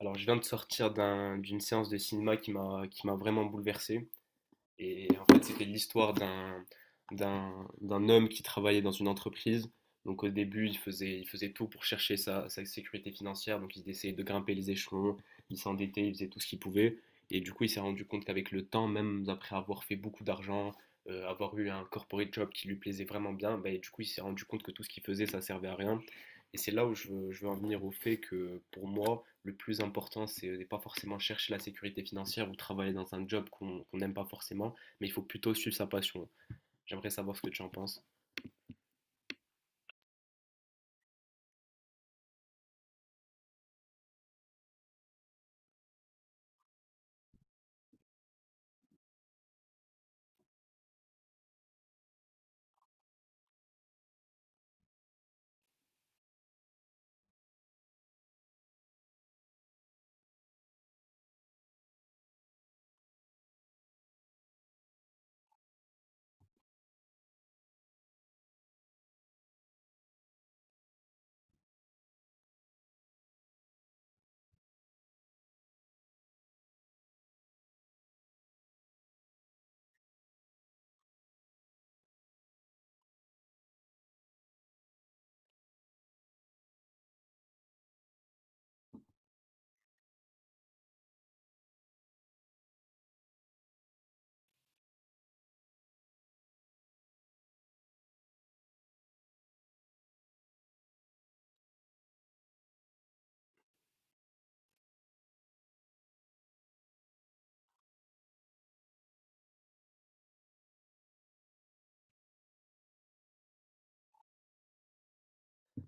Alors, je viens de sortir d'une séance de cinéma qui m'a vraiment bouleversé. Et en fait, c'était l'histoire d'un homme qui travaillait dans une entreprise. Donc, au début, il faisait tout pour chercher sa sécurité financière. Donc, il essayait de grimper les échelons, il s'endettait, il faisait tout ce qu'il pouvait. Et du coup, il s'est rendu compte qu'avec le temps, même après avoir fait beaucoup d'argent, avoir eu un corporate job qui lui plaisait vraiment bien, bah, du coup, il s'est rendu compte que tout ce qu'il faisait, ça servait à rien. Et c'est là où je veux en venir au fait que pour moi, le plus important, c'est de ne pas forcément chercher la sécurité financière ou travailler dans un job qu n'aime pas forcément, mais il faut plutôt suivre sa passion. J'aimerais savoir ce que tu en penses.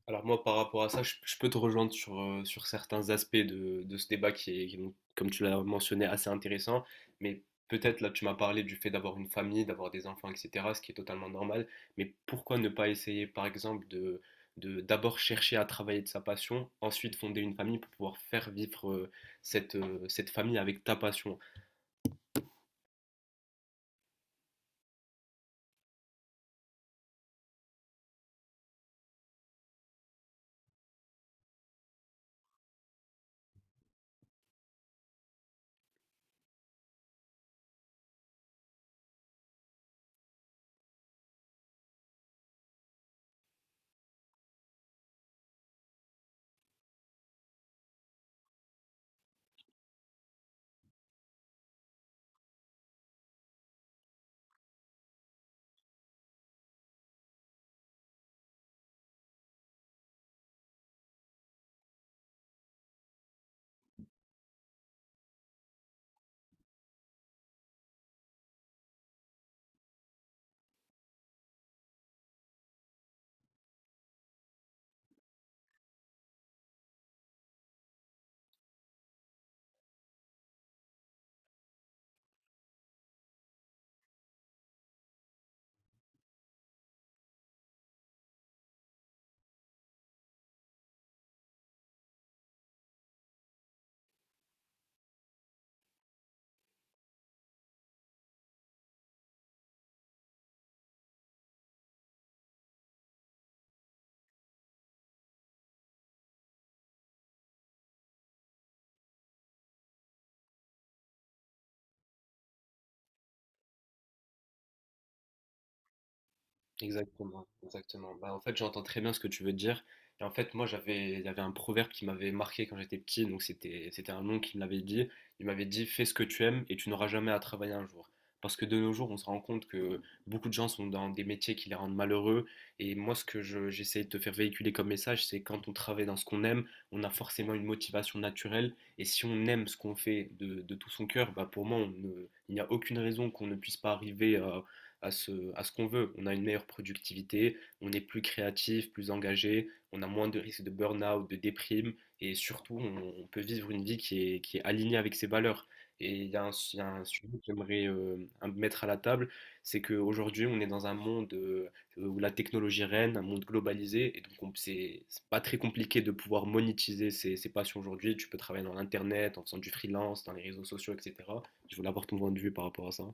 Alors moi, par rapport à ça, je peux te rejoindre sur, sur certains aspects de ce débat qui est comme tu l'as mentionné, assez intéressant, mais peut-être là, tu m'as parlé du fait d'avoir une famille, d'avoir des enfants, etc., ce qui est totalement normal, mais pourquoi ne pas essayer, par exemple, de d'abord chercher à travailler de sa passion, ensuite fonder une famille pour pouvoir faire vivre cette, cette famille avec ta passion. Exactement, exactement. Bah, en fait, j'entends très bien ce que tu veux dire. Et en fait, moi, j'avais, il y avait un proverbe qui m'avait marqué quand j'étais petit. Donc, c'était un oncle qui me l'avait dit. Il m'avait dit, fais ce que tu aimes et tu n'auras jamais à travailler un jour. Parce que de nos jours, on se rend compte que beaucoup de gens sont dans des métiers qui les rendent malheureux. Et moi, ce que j'essaie de te faire véhiculer comme message, c'est quand on travaille dans ce qu'on aime, on a forcément une motivation naturelle. Et si on aime ce qu'on fait de tout son cœur, bah, pour moi, on ne- il n'y a aucune raison qu'on ne puisse pas arriver à à ce qu'on veut. On a une meilleure productivité, on est plus créatif, plus engagé, on a moins de risques de burn-out, de déprime, et surtout, on peut vivre une vie qui est alignée avec ses valeurs. Et il y a il y a un sujet que j'aimerais mettre à la table, c'est qu'aujourd'hui, on est dans un monde où la technologie règne, un monde globalisé, et donc c'est pas très compliqué de pouvoir monétiser ses, ses passions aujourd'hui. Tu peux travailler dans l'internet, en faisant du freelance, dans les réseaux sociaux, etc. Je voulais avoir ton point de vue par rapport à ça.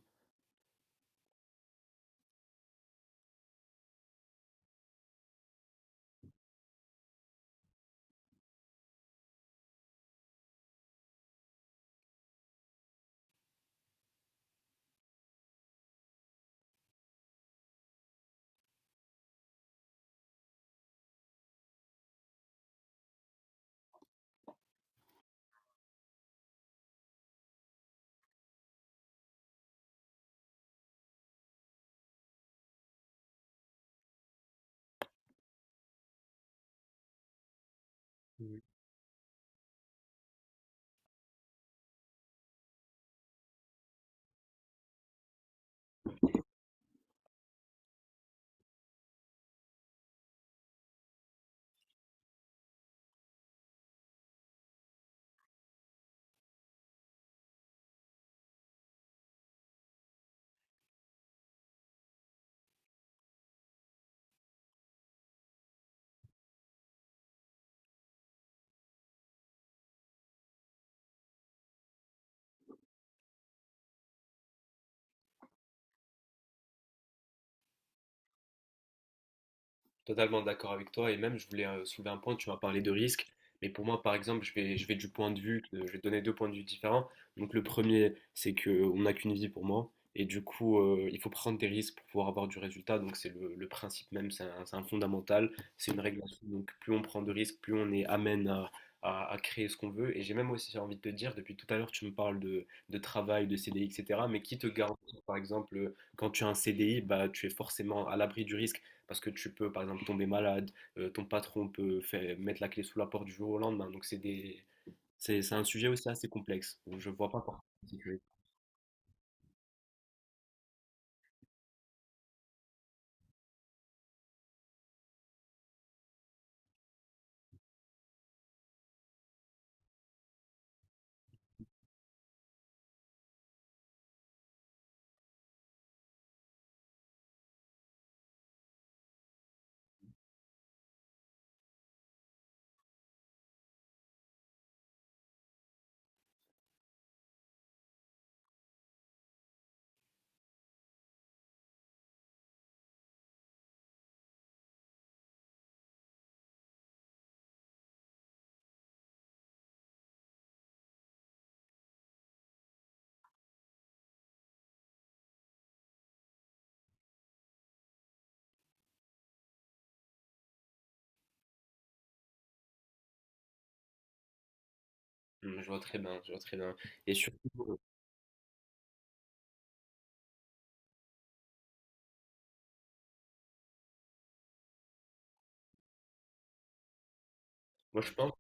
Totalement d'accord avec toi et même je voulais soulever un point, tu m'as parlé de risque, mais pour moi par exemple je vais du point de vue, je vais te donner deux points de vue différents. Donc le premier c'est que on n'a qu'une vie pour moi et du coup il faut prendre des risques pour pouvoir avoir du résultat, donc c'est le principe même, c'est un fondamental, c'est une règle à suivre. Donc plus on prend de risques, plus on est amène à créer ce qu'on veut et j'ai même aussi envie de te dire, depuis tout à l'heure tu me parles de travail, de CDI, etc., mais qui te garantit par exemple quand tu as un CDI, bah, tu es forcément à l'abri du risque parce que tu peux, par exemple, tomber malade, ton patron peut mettre la clé sous la porte du jour au lendemain. Donc, c'est des... c'est un sujet aussi assez complexe. Je vois pas pourquoi. Mm, je vois très bien, je vois très bien. Et surtout, euh, moi, je pense.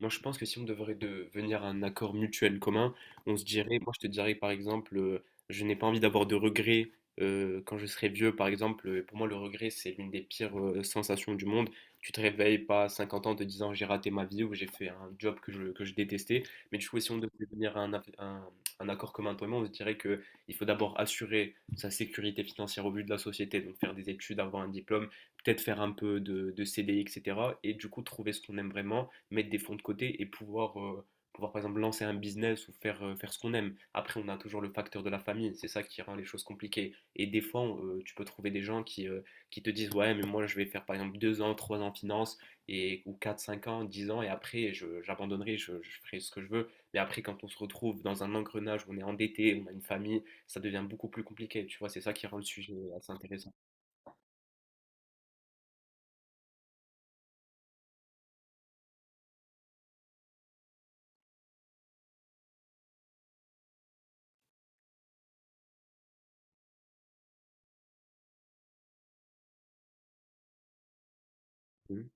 Moi, je pense que si on devrait devenir un accord mutuel commun, on se dirait, moi je te dirais par exemple, je n'ai pas envie d'avoir de regrets quand je serai vieux, par exemple. Pour moi, le regret, c'est l'une des pires sensations du monde. Tu te réveilles pas à 50 ans en te disant j'ai raté ma vie ou j'ai fait un job que que je détestais. Mais du coup, si on devait devenir un accord commun, toi et moi, on se dirait que il faut d'abord assurer sa sécurité financière au vu de la société, donc faire des études, avoir un diplôme, peut-être faire un peu de CDI, etc. Et cetera. Et du coup, trouver ce qu'on aime vraiment mettre des fonds de côté et pouvoir, pouvoir par exemple lancer un business ou faire, faire ce qu'on aime. Après, on a toujours le facteur de la famille, c'est ça qui rend les choses compliquées. Et des fois, tu peux trouver des gens qui qui te disent ouais, mais moi je vais faire par exemple 2 ans, 3 ans en finance, et, ou 4 5 ans, 10 ans, et après j'abandonnerai, je ferai ce que je veux. Mais après, quand on se retrouve dans un engrenage où on est endetté, on a une famille, ça devient beaucoup plus compliqué, tu vois, c'est ça qui rend le sujet assez intéressant. Mhm,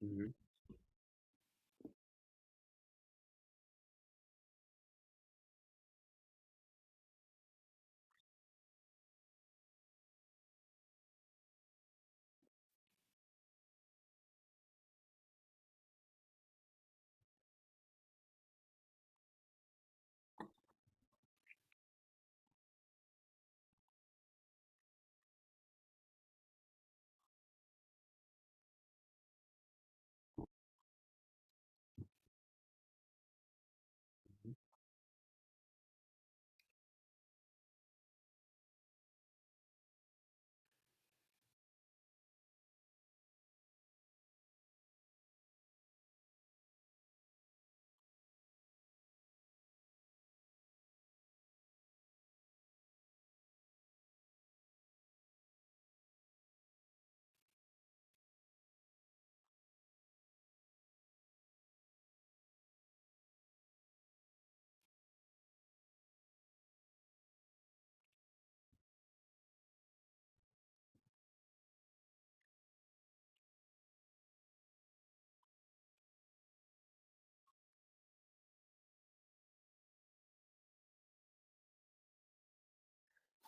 mhm.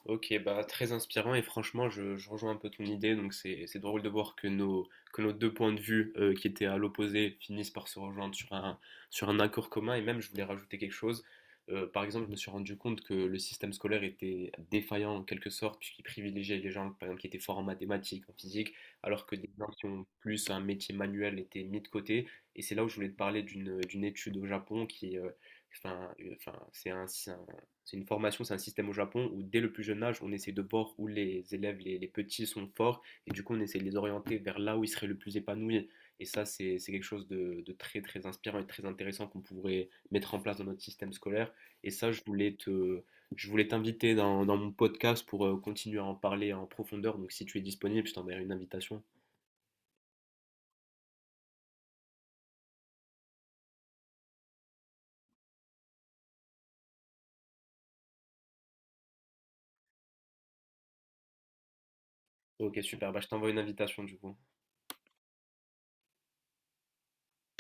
Ok, bah très inspirant et franchement, je rejoins un peu ton idée. Donc c'est drôle de voir que nos deux points de vue qui étaient à l'opposé finissent par se rejoindre sur un accord commun. Et même, je voulais rajouter quelque chose. Par exemple, je me suis rendu compte que le système scolaire était défaillant en quelque sorte puisqu'il privilégiait les gens, par exemple, qui étaient forts en mathématiques, en physique, alors que des gens qui ont plus un métier manuel étaient mis de côté. Et c'est là où je voulais te parler d'une étude au Japon qui Enfin, enfin, c'est un, c'est un- c'est une formation, c'est un système au Japon où dès le plus jeune âge, on essaie de voir où les élèves, les petits sont forts, et du coup, on essaie de les orienter vers là où ils seraient le plus épanouis. Et ça, c'est quelque chose de très, très inspirant et très intéressant qu'on pourrait mettre en place dans notre système scolaire. Et ça, je voulais t'inviter dans mon podcast pour continuer à en parler en profondeur. Donc, si tu es disponible, je t'enverrai une invitation. Ok, super. Bah, je t'envoie une invitation, du coup.